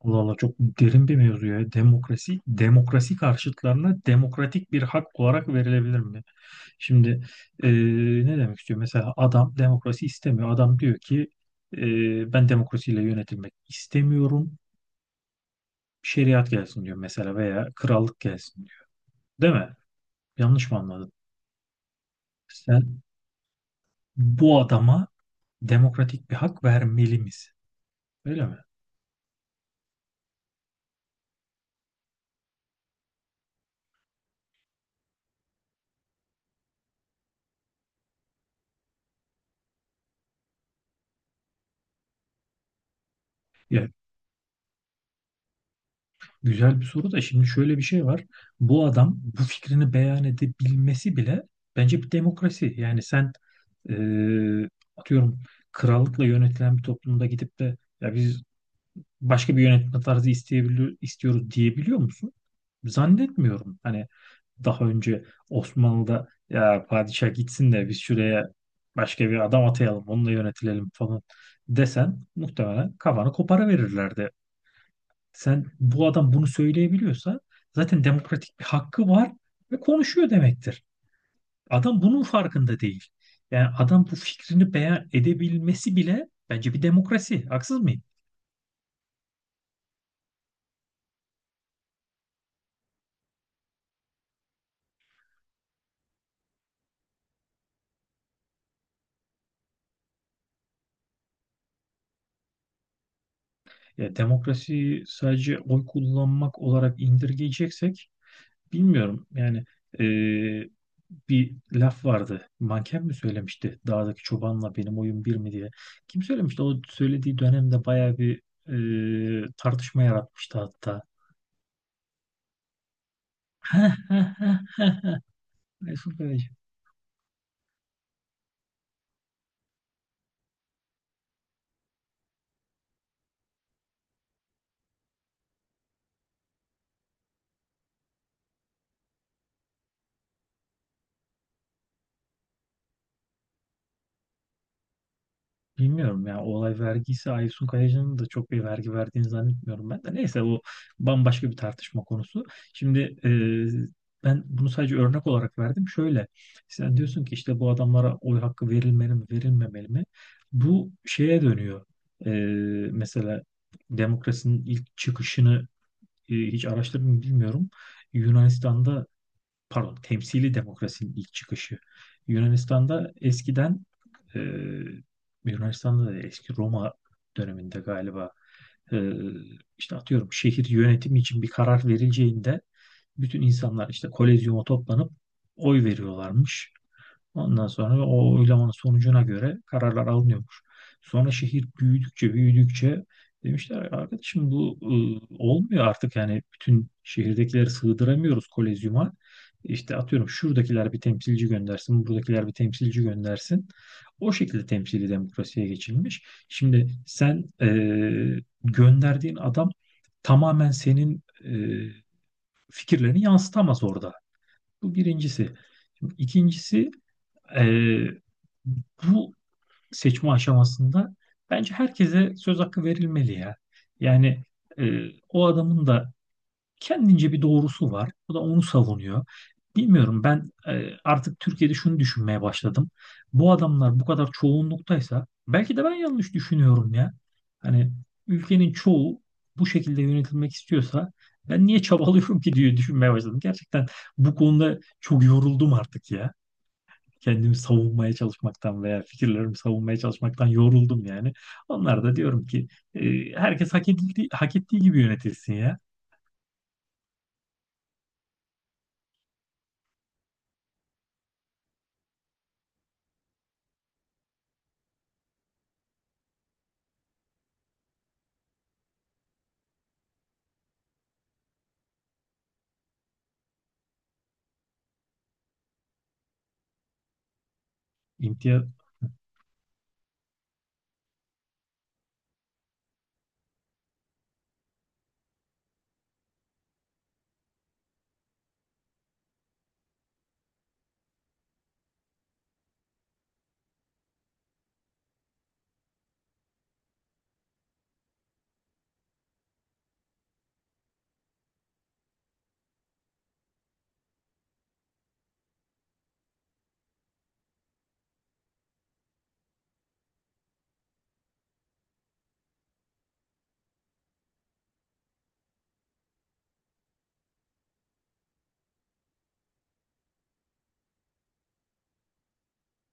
Allah Allah çok derin bir mevzu ya. Demokrasi, demokrasi karşıtlarına demokratik bir hak olarak verilebilir mi? Şimdi ne demek istiyor? Mesela adam demokrasi istemiyor. Adam diyor ki ben demokrasiyle yönetilmek istemiyorum. Şeriat gelsin diyor mesela veya krallık gelsin diyor. Değil mi? Yanlış mı anladım? Sen bu adama demokratik bir hak vermeli misin? Öyle mi? Ya, güzel bir soru da şimdi şöyle bir şey var. Bu adam bu fikrini beyan edebilmesi bile bence bir demokrasi. Yani sen eee, atıyorum krallıkla yönetilen bir toplumda gidip de ya biz başka bir yönetme tarzı isteyebiliyor, istiyoruz diyebiliyor musun? Zannetmiyorum. Hani daha önce Osmanlı'da ya padişah gitsin de biz şuraya başka bir adam atayalım onunla yönetilelim falan desen muhtemelen kafanı kopara verirlerdi. Sen bu adam bunu söyleyebiliyorsa zaten demokratik bir hakkı var ve konuşuyor demektir. Adam bunun farkında değil. Yani adam bu fikrini beyan edebilmesi bile bence bir demokrasi. Haksız mıyım? Ya demokrasi sadece oy kullanmak olarak indirgeyeceksek bilmiyorum. Yani eee, bir laf vardı. Manken mi söylemişti? Dağdaki çobanla benim oyun bir mi diye. Kim söylemişti? O söylediği dönemde bayağı bir tartışma yaratmıştı hatta. Heh, heh, heh. Aysun Kayacı. Bilmiyorum ya, o olay vergisi Aysun Kayacı'nın da çok bir vergi verdiğini zannetmiyorum ben de. Neyse, bu bambaşka bir tartışma konusu. Şimdi ben bunu sadece örnek olarak verdim. Şöyle, sen diyorsun ki işte bu adamlara oy hakkı verilmeli mi, verilmemeli mi? Bu şeye dönüyor. E, Mesela demokrasinin ilk çıkışını hiç araştırdım mı bilmiyorum. Yunanistan'da, pardon, temsili demokrasinin ilk çıkışı. Yunanistan'da eskiden e, Yunanistan'da da eski Roma döneminde galiba e, işte atıyorum şehir yönetimi için bir karar verileceğinde bütün insanlar işte kolezyuma toplanıp oy veriyorlarmış. Ondan sonra o oylamanın sonucuna göre kararlar alınıyormuş. Sonra şehir büyüdükçe büyüdükçe demişler arkadaşım, bu olmuyor artık, yani bütün şehirdekileri sığdıramıyoruz kolezyuma. İşte atıyorum şuradakiler bir temsilci göndersin, buradakiler bir temsilci göndersin. O şekilde temsili demokrasiye geçilmiş. Şimdi sen gönderdiğin adam tamamen senin fikirlerini yansıtamaz orada. Bu birincisi. Şimdi İkincisi, ee, bu seçme aşamasında bence herkese söz hakkı verilmeli ya. Yani e, o adamın da kendince bir doğrusu var. O da onu savunuyor. Bilmiyorum, ben artık Türkiye'de şunu düşünmeye başladım. Bu adamlar bu kadar çoğunluktaysa belki de ben yanlış düşünüyorum ya. Hani ülkenin çoğu bu şekilde yönetilmek istiyorsa ben niye çabalıyorum ki diye düşünmeye başladım. Gerçekten bu konuda çok yoruldum artık ya, kendimi savunmaya çalışmaktan veya fikirlerimi savunmaya çalışmaktan yoruldum yani. Onlar da diyorum ki e, herkes hak edildiği, hak ettiği gibi yönetilsin ya. İmtiyaz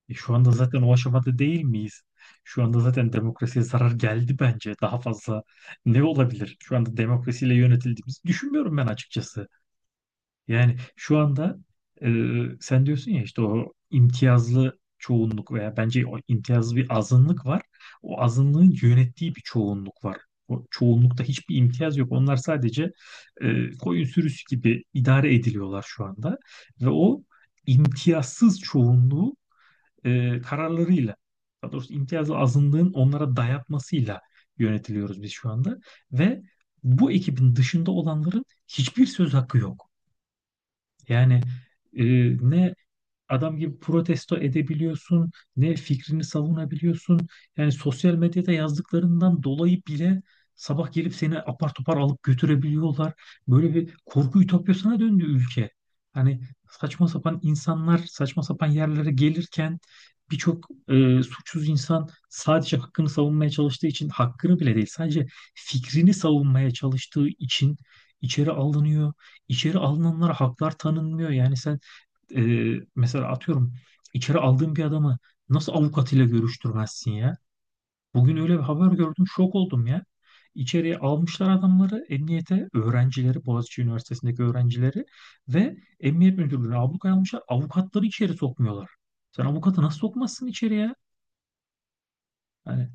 şu anda zaten o aşamada değil miyiz? Şu anda zaten demokrasiye zarar geldi bence. Daha fazla ne olabilir? Şu anda demokrasiyle yönetildiğimizi düşünmüyorum ben açıkçası. Yani şu anda e, sen diyorsun ya işte o imtiyazlı çoğunluk, veya bence o imtiyazlı bir azınlık var. O azınlığın yönettiği bir çoğunluk var. O çoğunlukta hiçbir imtiyaz yok. Onlar sadece koyun sürüsü gibi idare ediliyorlar şu anda. Ve o imtiyazsız çoğunluğu kararlarıyla, daha doğrusu imtiyazlı azınlığın onlara dayatmasıyla yönetiliyoruz biz şu anda. Ve bu ekibin dışında olanların hiçbir söz hakkı yok. Yani e, ne adam gibi protesto edebiliyorsun, ne fikrini savunabiliyorsun. Yani sosyal medyada yazdıklarından dolayı bile sabah gelip seni apar topar alıp götürebiliyorlar. Böyle bir korku ütopyasına döndü ülke. Hani saçma sapan insanlar saçma sapan yerlere gelirken birçok suçsuz insan sadece hakkını savunmaya çalıştığı için, hakkını bile değil sadece fikrini savunmaya çalıştığı için içeri alınıyor. İçeri alınanlara haklar tanınmıyor. Yani sen e, mesela atıyorum içeri aldığın bir adamı nasıl avukatıyla görüştürmezsin ya? Bugün öyle bir haber gördüm, şok oldum ya. İçeriye almışlar adamları, emniyete öğrencileri, Boğaziçi Üniversitesi'ndeki öğrencileri ve emniyet müdürlüğüne ablukaya almışlar. Avukatları içeri sokmuyorlar. Sen avukatı nasıl sokmazsın içeriye? Hani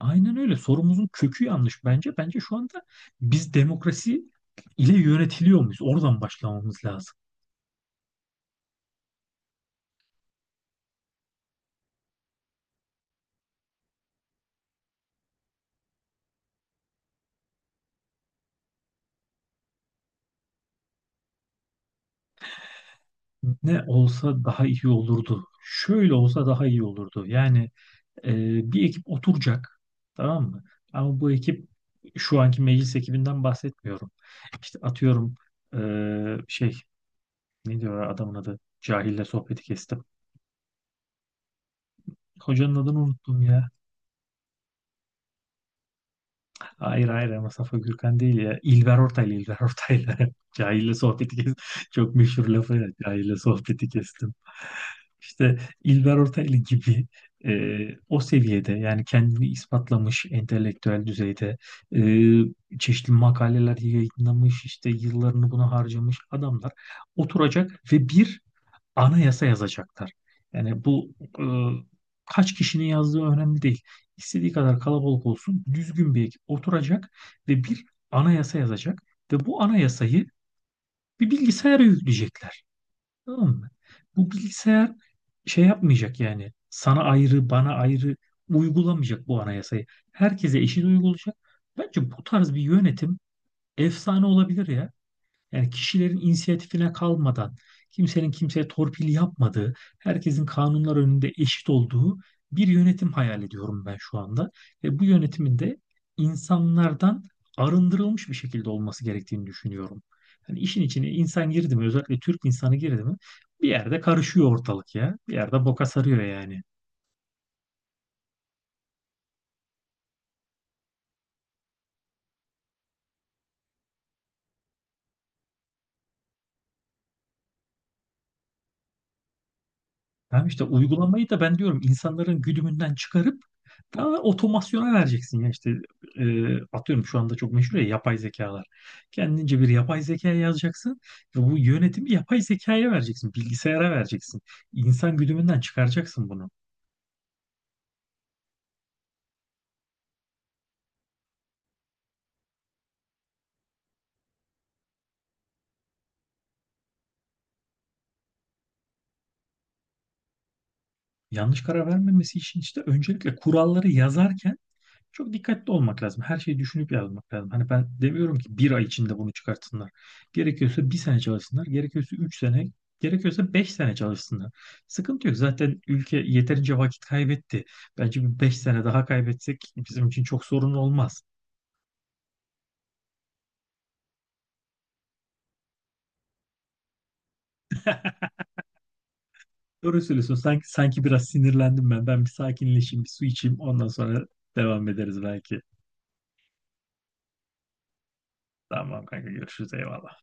aynen öyle. Sorumuzun kökü yanlış bence. Bence şu anda biz demokrasi ile yönetiliyor muyuz? Oradan başlamamız lazım. Ne olsa daha iyi olurdu. Şöyle olsa daha iyi olurdu. Yani e, bir ekip oturacak. Tamam mı? Ama bu ekip, şu anki meclis ekibinden bahsetmiyorum. İşte atıyorum e, şey, ne diyor adamın adı? Cahille sohbeti kestim. Hocanın adını unuttum ya. Hayır hayır, ama Safa Gürkan değil ya. İlber Ortaylı, İlber Ortaylı. Cahille sohbeti kestim. Çok meşhur lafı ya. Cahille sohbeti kestim. İşte İlber Ortaylı gibi e, o seviyede, yani kendini ispatlamış entelektüel düzeyde e, çeşitli makaleler yayınlamış, işte yıllarını buna harcamış adamlar oturacak ve bir anayasa yazacaklar. Yani bu kaç kişinin yazdığı önemli değil. İstediği kadar kalabalık olsun, düzgün bir ekip oturacak ve bir anayasa yazacak ve bu anayasayı bir bilgisayara yükleyecekler. Tamam mı? Bu bilgisayar şey yapmayacak, yani sana ayrı, bana ayrı uygulamayacak bu anayasayı. Herkese eşit uygulayacak. Bence bu tarz bir yönetim efsane olabilir ya. Yani kişilerin inisiyatifine kalmadan, kimsenin kimseye torpil yapmadığı, herkesin kanunlar önünde eşit olduğu bir yönetim hayal ediyorum ben şu anda. Ve bu yönetimin de insanlardan arındırılmış bir şekilde olması gerektiğini düşünüyorum. Hani işin içine insan girdi mi, özellikle Türk insanı girdi mi, bir yerde karışıyor ortalık ya. Bir yerde boka sarıyor yani. Tamam, işte uygulamayı da ben diyorum insanların güdümünden çıkarıp daha otomasyona vereceksin ya. İşte atıyorum şu anda çok meşhur ya yapay zekalar. Kendince bir yapay zeka yazacaksın ve bu yönetimi yapay zekaya vereceksin, bilgisayara vereceksin. İnsan güdümünden çıkaracaksın bunu. Yanlış karar vermemesi için işte öncelikle kuralları yazarken çok dikkatli olmak lazım. Her şeyi düşünüp yazmak lazım. Hani ben demiyorum ki bir ay içinde bunu çıkartsınlar. Gerekiyorsa 1 sene çalışsınlar. Gerekiyorsa 3 sene. Gerekiyorsa 5 sene çalışsınlar. Sıkıntı yok. Zaten ülke yeterince vakit kaybetti. Bence bir 5 sene daha kaybetsek bizim için çok sorun olmaz. Doğru söylüyorsun. Sanki biraz sinirlendim ben. Ben bir sakinleşeyim, bir su içeyim. Ondan sonra devam ederiz belki. Tamam kanka, görüşürüz. Eyvallah.